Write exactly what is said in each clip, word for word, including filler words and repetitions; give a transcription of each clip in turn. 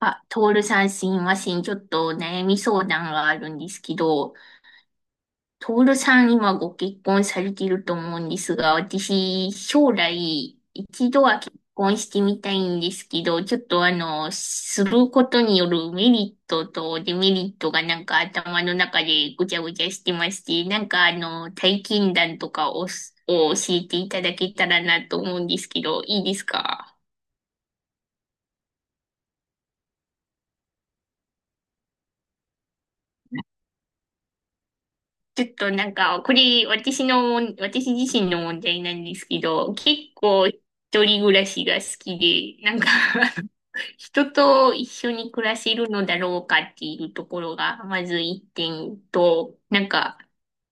あ、トールさんすいません。ちょっと悩み相談があるんですけど、トールさん今ご結婚されてると思うんですが、私将来一度は結婚してみたいんですけど、ちょっとあの、することによるメリットとデメリットがなんか頭の中でごちゃごちゃしてまして、なんかあの、体験談とかを、を教えていただけたらなと思うんですけど、いいですか？ちょっとなんか、これ私の、私自身の問題なんですけど、結構一人暮らしが好きで、なんか 人と一緒に暮らせるのだろうかっていうところが、まずいってんと、なんか、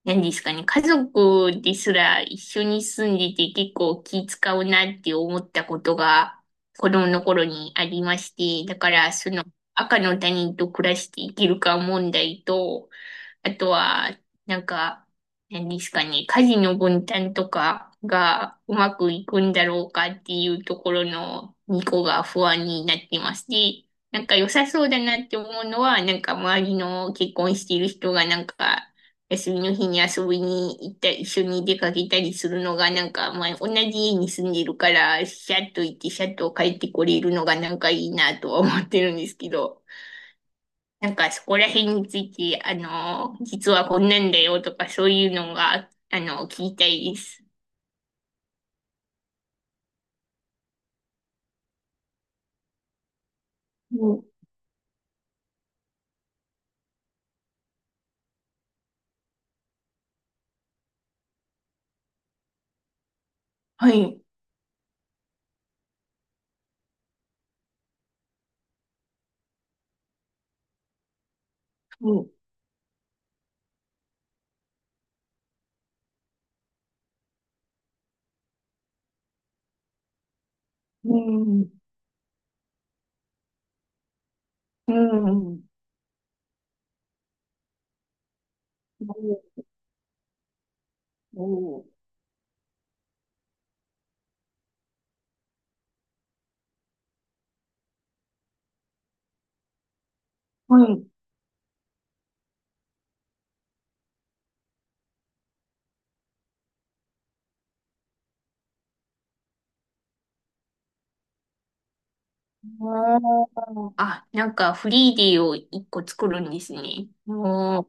何ですかね、家族ですら一緒に住んでて結構気使うなって思ったことが子供の頃にありまして、だからその赤の他人と暮らしていけるか問題と、あとは、なんか、何ですかね、家事の分担とかがうまくいくんだろうかっていうところのにこが不安になってます。で、なんか良さそうだなって思うのは、なんか周りの結婚している人がなんか休みの日に遊びに行ったり、一緒に出かけたりするのがなんか、まあ同じ家に住んでるから、シャッと行ってシャッと帰ってこれるのがなんかいいなとは思ってるんですけど、なんかそこら辺について、あの、実はこんなんだよとかそういうのが、あの、聞きたいです。うん、はい。うん。うん。うん。うん。はい。あーあ、なんかフリーデーをいっこ作るんですね。おー。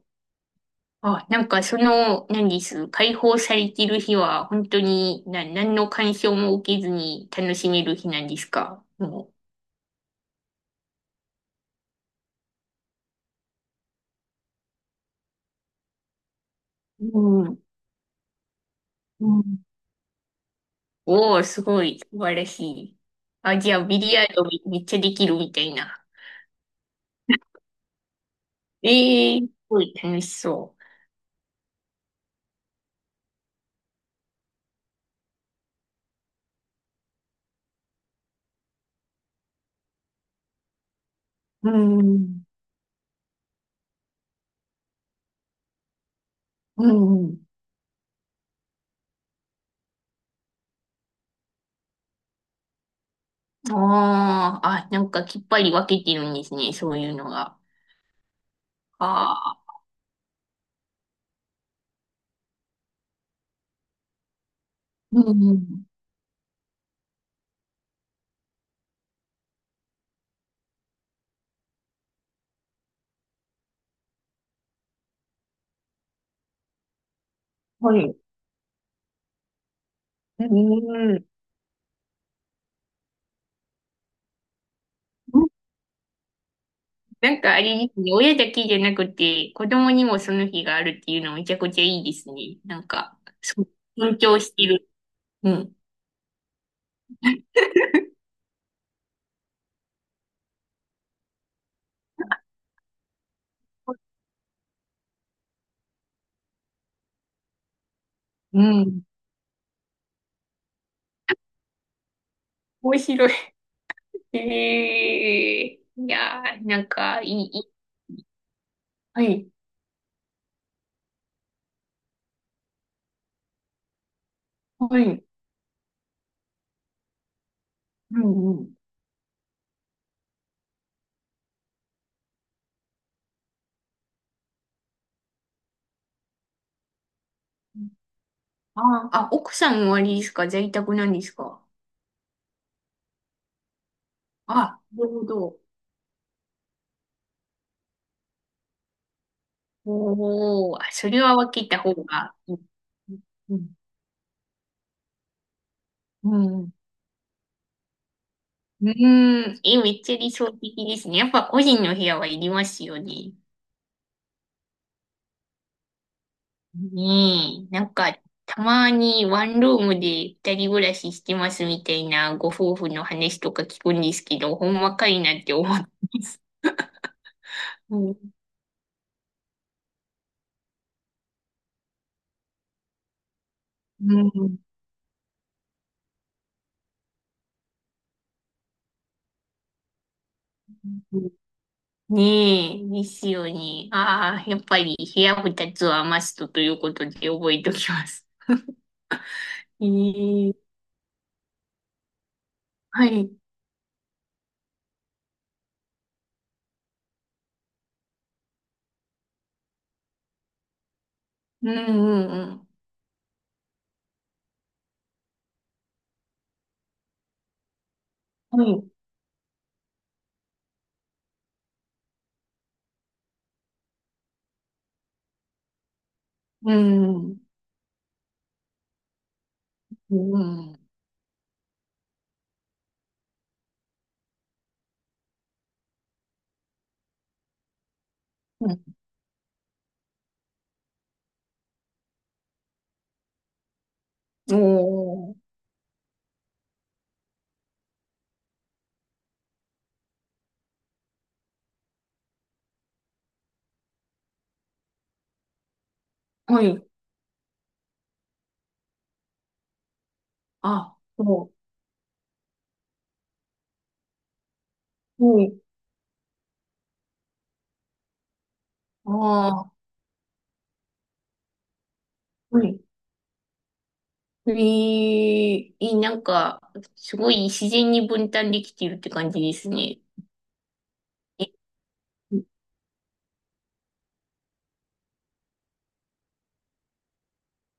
あ、なんかその、何です、解放されてる日は本当にな、何の干渉も受けずに楽しめる日なんですか？もうん。うん。おー、すごい、素晴らしい。あ、じゃあ、ビリヤードめめっちゃできるみたいな。ええー、すごい楽しそう。うん、うん。ああ、あ、なんかきっぱり分けてるんですね、そういうのが。ああ、うん、はい。うん。なんかあれですね、親だけじゃなくて、子供にもその日があるっていうのめちゃくちゃいいですね。なんか、そう、尊重してる。うん。うん。面白い。ええいやー、なんか、いい、いい。はい、はい、うんうん。あーあ、奥さんはあれですか？在宅なんですか？あ、なるほど。おー、あそれは分けた方がいい。うん、うんうん。うん、え、めっちゃ理想的ですね。やっぱ個人の部屋はいりますよね。ねえ、なんか、たまにワンルームでふたりぐらししてますみたいなご夫婦の話とか聞くんですけど、ほんまかいなって思ってます。うんうん。ねえ、ですよね。ああ、やっぱり部屋ふたつはマストということで覚えておきます。ええ、はい。うんうん。うん。はい。うんうんうん。うん。お、おはい。あ、そう。はい。ああ。はい。えええなんか、すごい自然に分担できているって感じですね。え、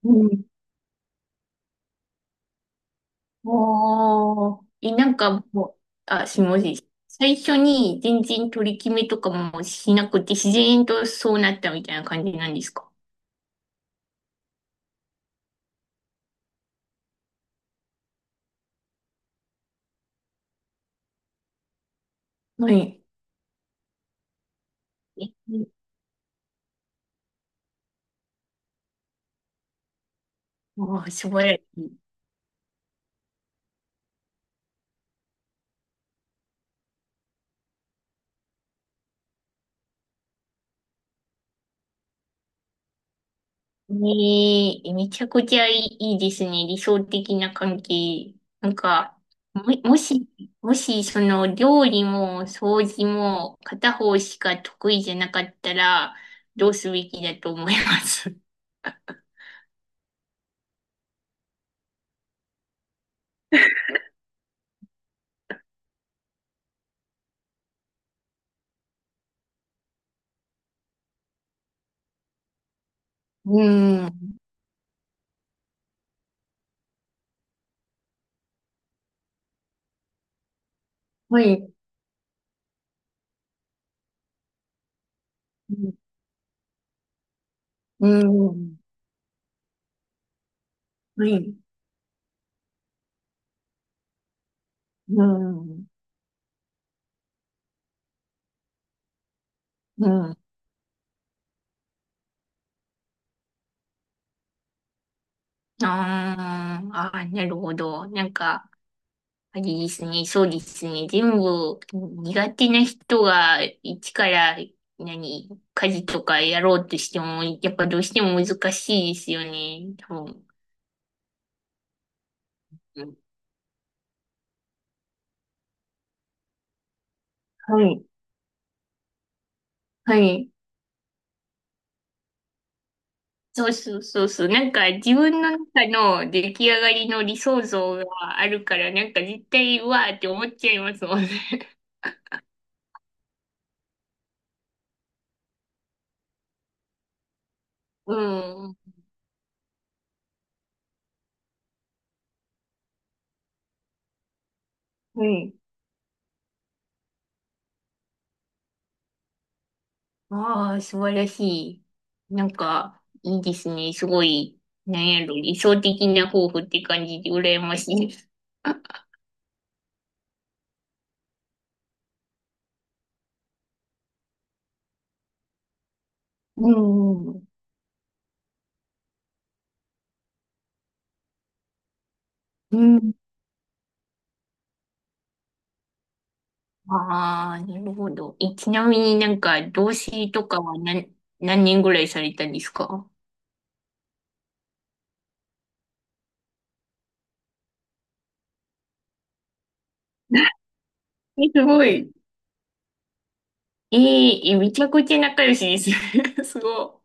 うん。ああ。え、なんかもう、あ、すみません。最初に全然取り決めとかもしなくて、自然とそうなったみたいな感じなんですか？はい。え、ああ、素晴らしい。ねえ、めちゃくちゃいい、いいですね。理想的な関係。なんか、も、もし、もし、その、料理も掃除も片方しか得意じゃなかったら、どうすべきだと思います？うん。はい。うん。うんはい。うん。うん。あーあー、なるほど。なんか、ありですね。そうですね。全部苦手な人が一から何、家事とかやろうとしても、やっぱどうしても難しいですよね。多分。うんはい。はい。そうそうそうそう。なんか自分の中の出来上がりの理想像があるから、なんか絶対うわーって思っちゃいますもんね。うん。はい。ああ、素晴らしい。なんか、いいですね。すごい、なんやろ、理想的な夫婦って感じで羨ましいです。うんうんうん。うん。ああ、なるほど。え、ちなみになんか、同棲とかは何、なんねんぐらいされたんですか？え、すごい。えーえ、めちゃくちゃ仲良しです。すごい。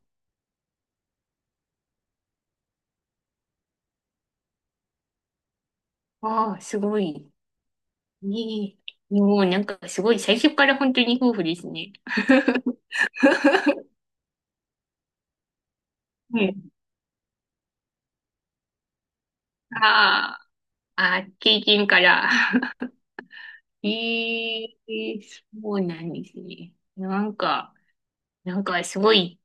ああ、すごい。ねえ。もうなんか、すごい、最初から本当に夫婦ですね。うん。ああ、ああ、経験から。ええそうなんですね。なんか、なんかすごい